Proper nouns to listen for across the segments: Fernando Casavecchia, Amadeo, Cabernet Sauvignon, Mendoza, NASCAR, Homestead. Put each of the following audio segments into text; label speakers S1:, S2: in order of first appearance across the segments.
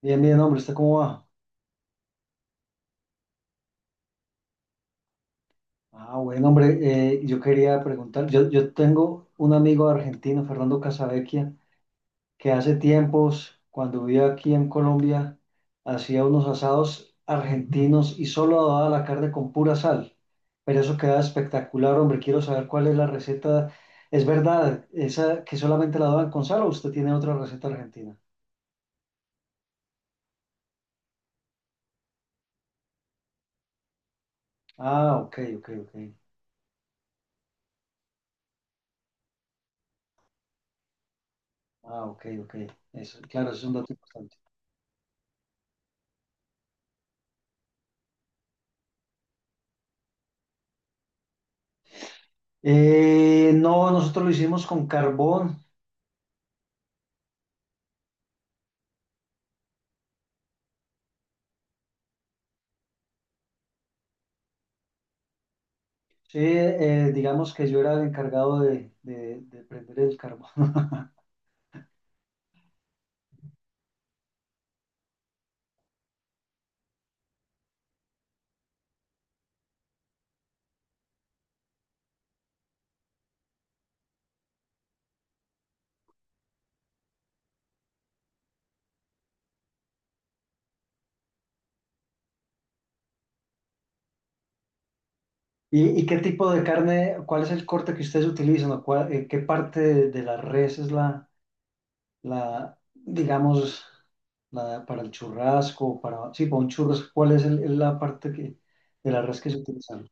S1: Bien, bien, hombre, ¿usted cómo va? Ah, bueno, hombre, yo quería preguntar, yo tengo un amigo argentino, Fernando Casavecchia, que hace tiempos, cuando vivía aquí en Colombia, hacía unos asados argentinos y solo daba la carne con pura sal. Pero eso queda espectacular, hombre, quiero saber cuál es la receta. ¿Es verdad esa que solamente la daban con sal o usted tiene otra receta argentina? Ah, ok, ok, ok. Ah, ok, ok. Eso, claro, eso es un dato importante. No, nosotros lo hicimos con carbón. Sí, digamos que yo era el encargado de prender el carbón. ¿Y, y qué tipo de carne, cuál es el corte que ustedes utilizan o cuál- qué parte de la res es la, la, digamos, la, para el churrasco, para, sí, para un churrasco, cuál es el- la parte que, de la res que se utiliza?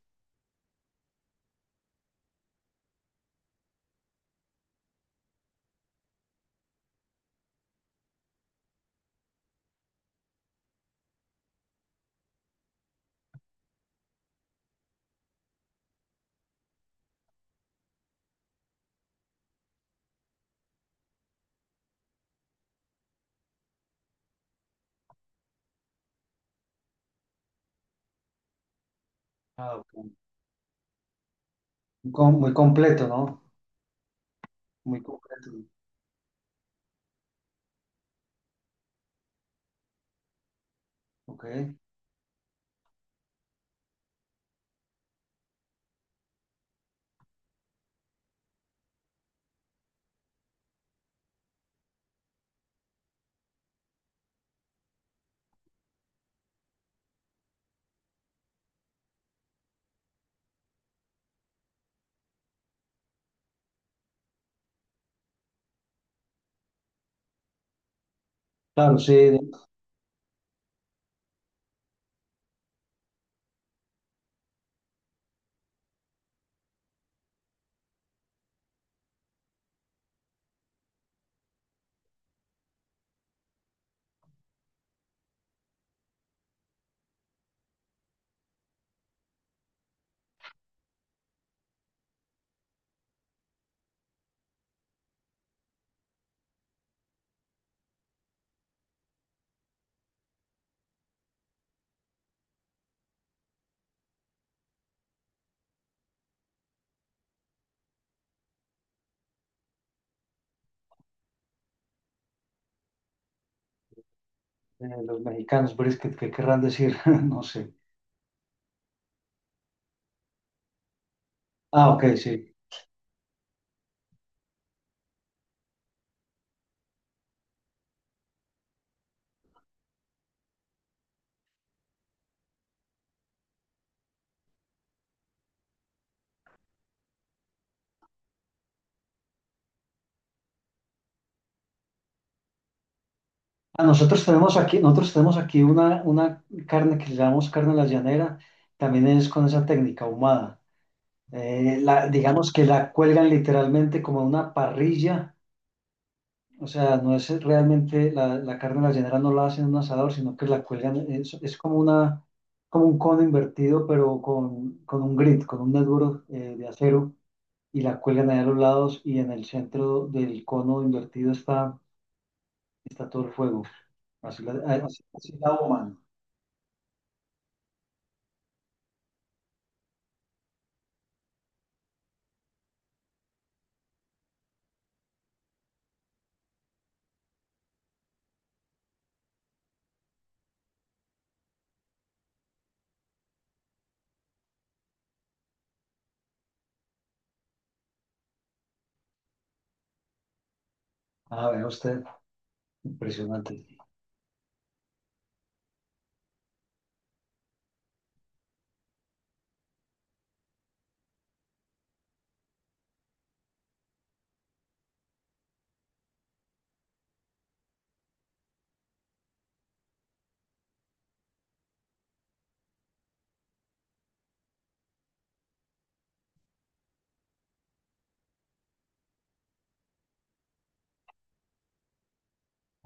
S1: Ah, ok. Muy com- muy completo, ¿no? Muy completo. Ok. Claro, sí, de los mexicanos, brisket, ¿qué querrán decir? No sé. Ah, ok, sí. Ah, nosotros tenemos aquí una carne que le llamamos carne a la llanera, también es con esa técnica ahumada. Digamos que la cuelgan literalmente como a una parrilla, o sea, no es realmente la, la carne a la llanera, no la hacen en un asador, sino que la cuelgan, es como una, como un cono invertido, pero con un grid, con un neturo de acero, y la cuelgan ahí a los lados y en el centro del cono invertido está, está todo el fuego. Así la, ah, así- así la human. Ah, vea usted, impresionante.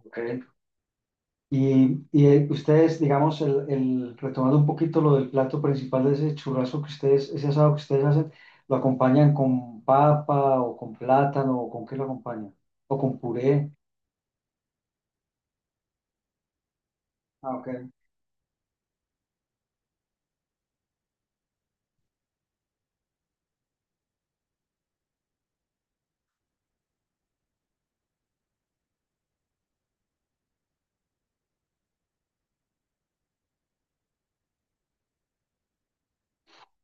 S1: Ok. Ustedes, digamos, el- retomando un poquito lo del plato principal de ese churrasco que ustedes, ese asado que ustedes hacen, ¿lo acompañan con papa o con plátano o con qué lo acompañan? ¿O con puré? Ah, ok.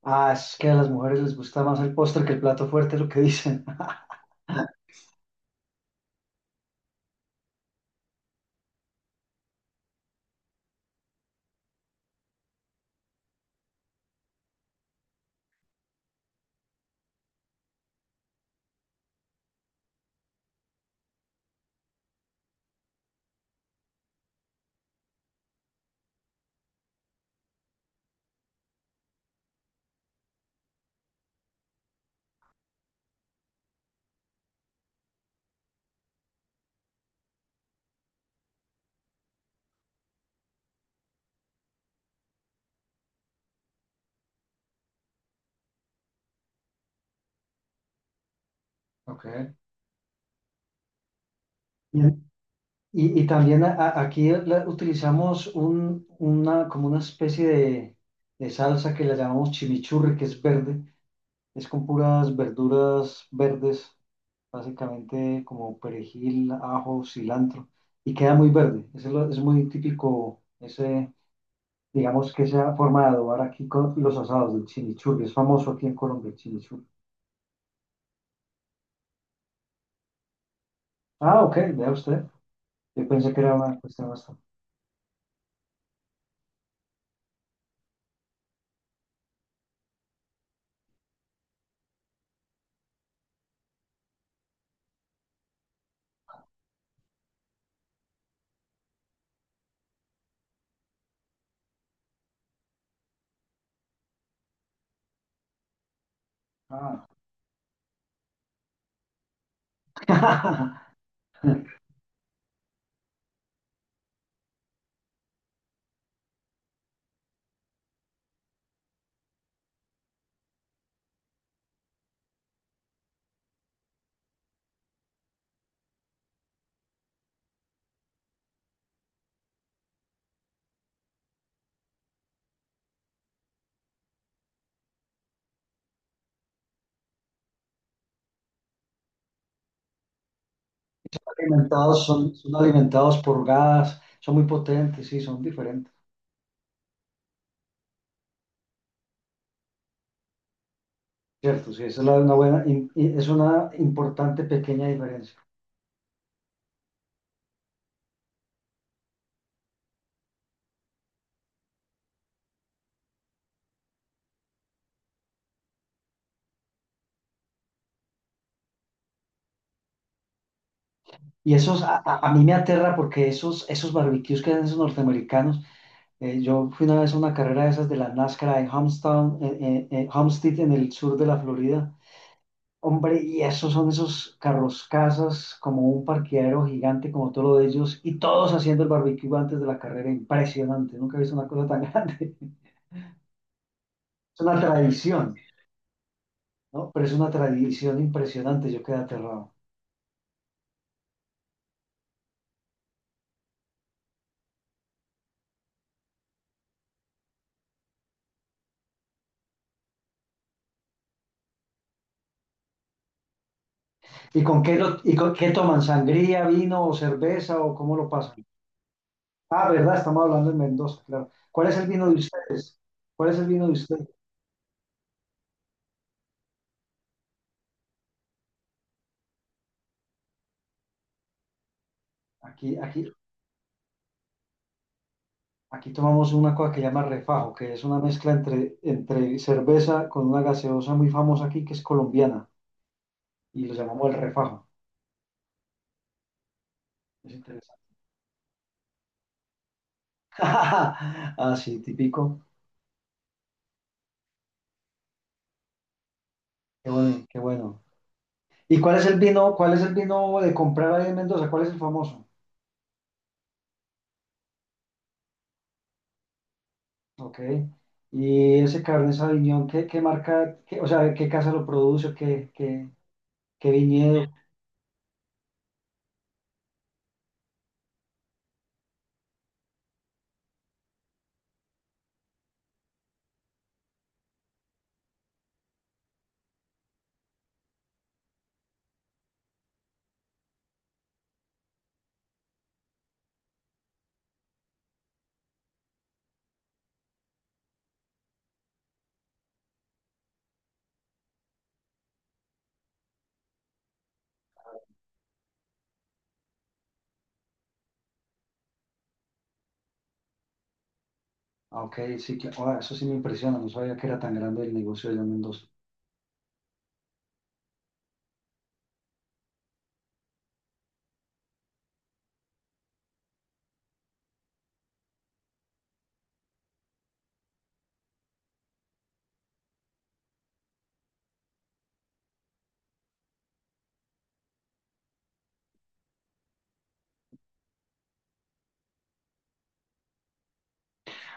S1: Ah, es que a las mujeres les gusta más el postre que el plato fuerte, es lo que dicen. Ok. Y también a- aquí la- utilizamos un, una, como una especie de salsa que la llamamos chimichurri, que es verde. Es con puras verduras verdes, básicamente como perejil, ajo, cilantro. Y queda muy verde. Ese es, lo- es muy típico, ese, digamos que esa forma de adobar aquí con los asados del chimichurri. Es famoso aquí en Colombia el chimichurri. Ah, ok, vea usted. Yo pensé que era una cuestión más. Ah. Alimentados, son, son alimentados por gas, son muy potentes, sí, son diferentes. Cierto, sí, esa es la- una buena, in- i- es una importante pequeña diferencia. Y esos, a mí me aterra porque esos, esos barbecues que hacen esos norteamericanos, yo fui una vez a una carrera de esas de la NASCAR en Homestead, en Homestead, en el sur de la Florida. Hombre, y esos son esos carros casas, como un parqueadero gigante, como todo lo de ellos, y todos haciendo el barbecue antes de la carrera, impresionante. Nunca he visto una cosa tan grande. Es una tradición, ¿no? Pero es una tradición impresionante, yo quedé aterrado. ¿Y con qué, lo, y con qué toman? ¿Sangría, vino o cerveza o cómo lo pasan? Ah, ¿verdad? Estamos hablando en Mendoza, claro. ¿Cuál es el vino de ustedes? Aquí, aquí, aquí tomamos una cosa que se llama refajo, que es una mezcla entre, entre cerveza con una gaseosa muy famosa aquí que es colombiana y lo llamamos el refajo. Es interesante. Ah, sí, típico. Qué bueno, qué bueno. ¿Y cuál es el vino, cuál es el vino de comprar ahí en Mendoza? ¿Cuál es el famoso? Ok. Y ese Cabernet Sauvignon, ¿qué, qué marca, qué- o sea, qué casa lo produce, qué, qué, qué viñedo? Ah, ok, sí, claro. Ah, eso sí me impresiona, no sabía que era tan grande el negocio allá en Mendoza.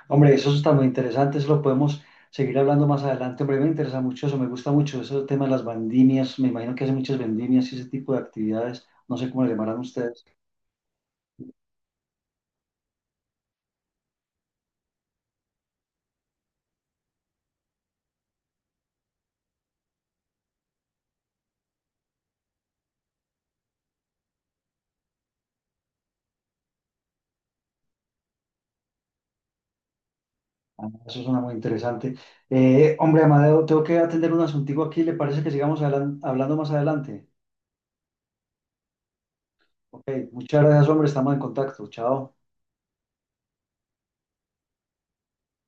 S1: Hombre, eso está muy interesante, eso lo podemos seguir hablando más adelante. Hombre, me interesa mucho eso, me gusta mucho ese tema de las vendimias, me imagino que hacen muchas vendimias y ese tipo de actividades, no sé cómo le llamarán ustedes. Ah, eso suena muy interesante. Hombre, Amadeo, tengo que atender un asuntico aquí. ¿Le parece que sigamos hablan- hablando más adelante? Ok, muchas gracias, hombre. Estamos en contacto. Chao.